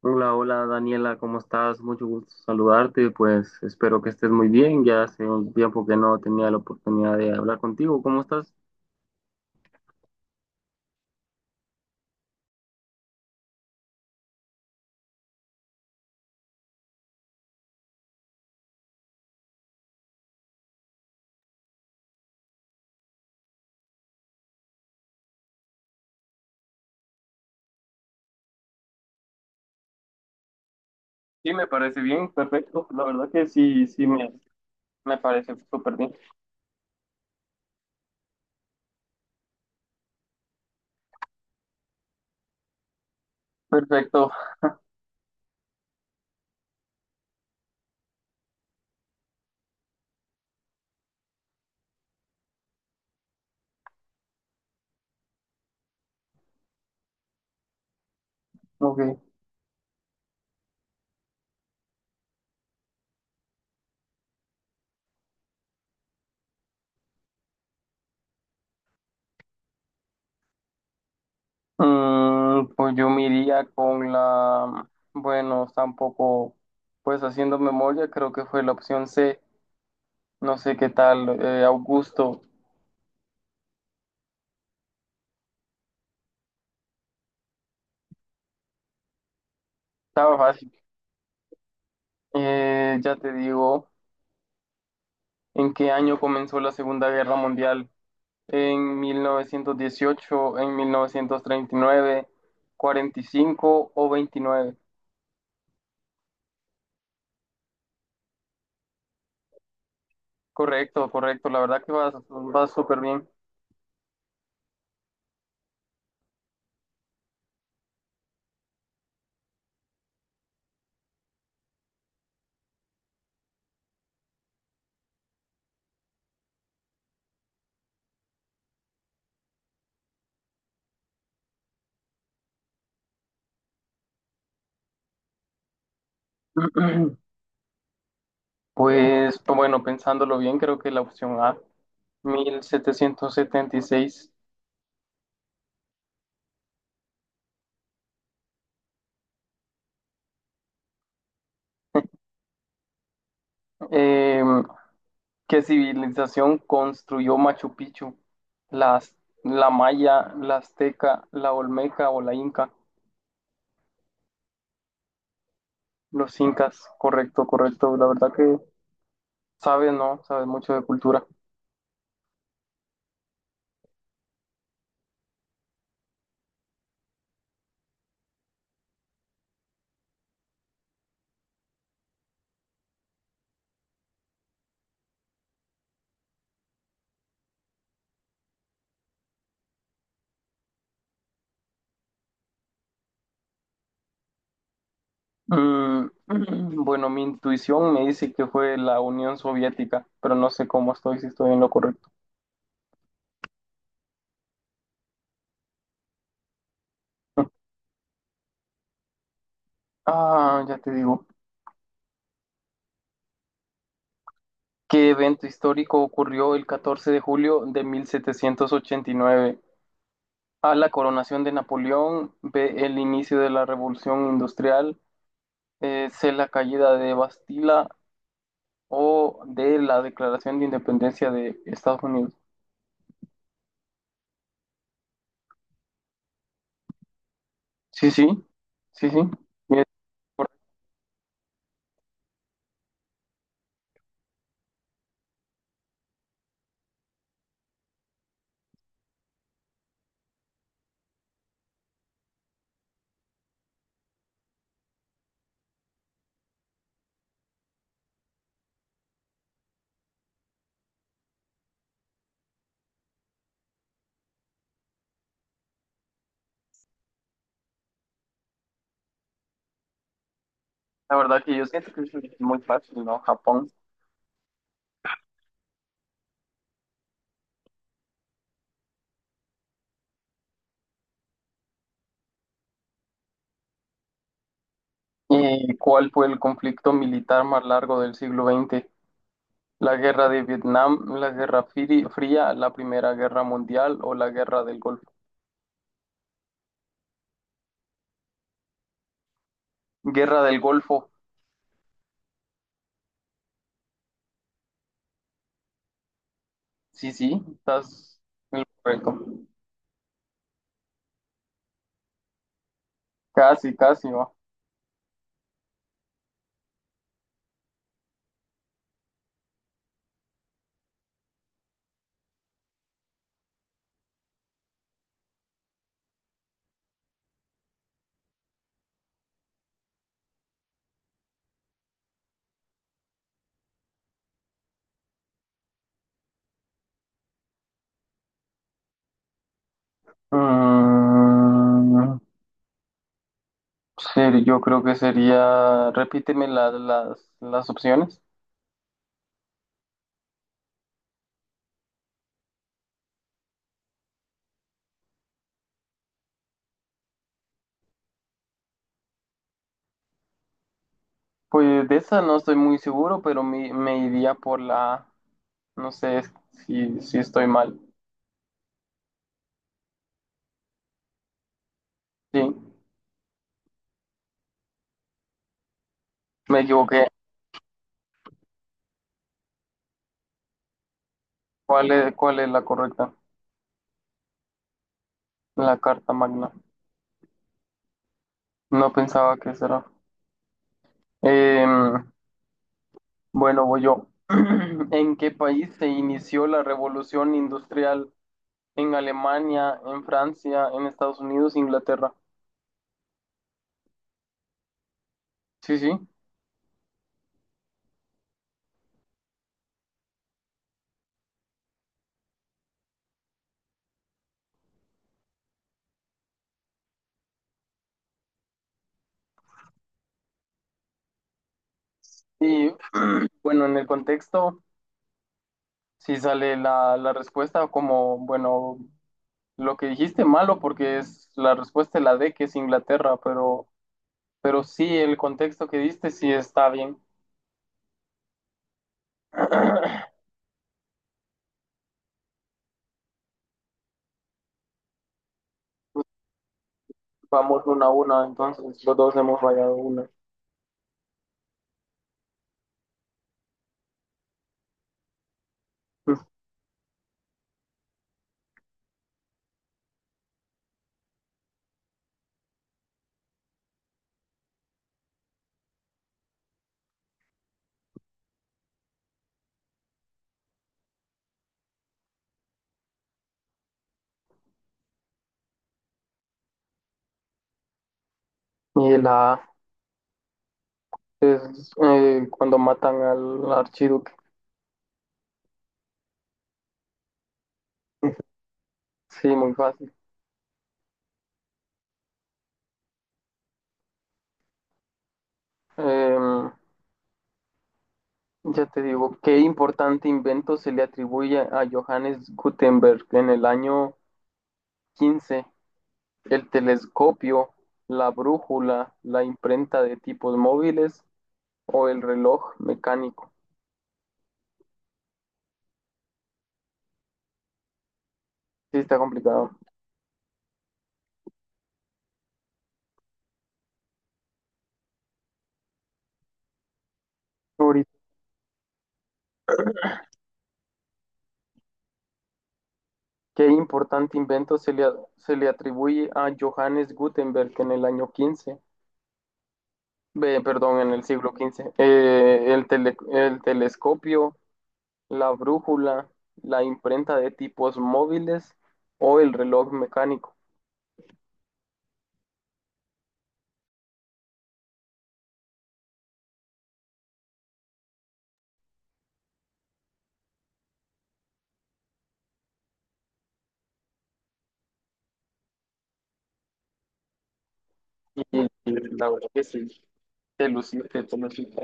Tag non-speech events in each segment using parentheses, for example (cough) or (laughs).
Hola, hola Daniela, ¿cómo estás? Mucho gusto saludarte, pues espero que estés muy bien. Ya hace un tiempo que no tenía la oportunidad de hablar contigo. ¿Cómo estás? Sí, me parece bien, perfecto. La verdad que sí, sí, me parece súper bien. Perfecto, ok. Mm, pues yo me iría con la, bueno, está un poco, pues haciendo memoria, creo que fue la opción C. No sé qué tal, Augusto. Estaba fácil. Ya te digo. ¿En qué año comenzó la Segunda Guerra Mundial? ¿En 1918, en mil novecientos treinta y nueve, cuarenta y cinco o 29. Correcto, correcto. La verdad que vas, vas súper bien. (clears throat) Pues bueno, pensándolo bien, creo que la opción A, 1776. Eh, ¿Qué civilización construyó Machu Picchu? ¿La la maya, la azteca, la olmeca o la inca? Los incas, correcto, correcto. La verdad que sabes, ¿no? Sabes mucho de cultura. Mm, (clears throat) bueno, mi intuición me dice que fue la Unión Soviética, pero no sé cómo estoy, si estoy en lo correcto. (laughs) Ah, ya te digo. ¿Qué evento histórico ocurrió el 14 de julio de 1789? A, la coronación de Napoleón, B, el inicio de la Revolución Industrial, C, la caída de Bastila o D, la declaración de independencia de Estados Unidos. Sí, sí, sí, sí. Mira, la verdad que yo siento que es muy fácil, ¿no? Japón. ¿Y cuál fue el conflicto militar más largo del siglo XX? ¿La guerra de Vietnam, fría, la Primera Guerra Mundial o la guerra del Golfo? Guerra del Golfo. Sí, sí, estás en lo correcto. Casi, casi, ¿no? Mm, sí, yo creo que sería, las opciones. Pues de esa no estoy muy seguro, pero me iría por la. No sé si, si estoy mal. Sí, me equivoqué. Cuál es la correcta? La Carta Magna. No pensaba que será. Em, bueno, voy yo. (clears throat) ¿En qué país se inició la revolución industrial? ¿En Alemania, en Francia, en Estados Unidos, Inglaterra? Sí, sí. Y bueno, en el contexto, si sale la, la respuesta como, bueno, lo que dijiste malo porque es la respuesta es la D, que es Inglaterra, pero sí, el contexto que diste sí está bien. (clears throat) Vamos una a una, entonces los dos hemos fallado una. Y la A es cuando matan al archiduque. Sí, muy fácil. Em, ya te digo, ¿qué importante invento se le atribuye a Johannes Gutenberg en el año quince? El telescopio, la brújula, la imprenta de tipos móviles o el reloj mecánico. Sí, está complicado. Ahorita, ¿qué importante invento se le, se le atribuye a Johannes Gutenberg en el año quince? Ve, perdón, en el siglo quince. Eh, el telescopio, la brújula, la imprenta de tipos móviles o el reloj mecánico. Y la verdad que sí, te luciste, tú me hiciste.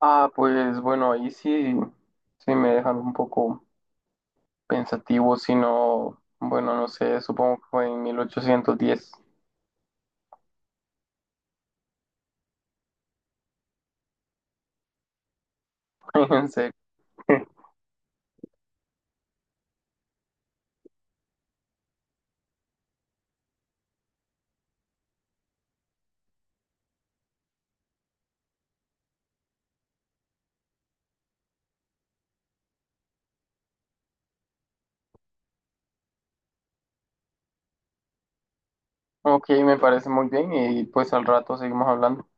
Ah, pues bueno, ahí sí, sí me dejan un poco pensativo, sino, bueno, no sé, supongo que fue en mil ochocientos diez. (laughs) En serio. Ok, me parece muy bien y pues al rato seguimos hablando.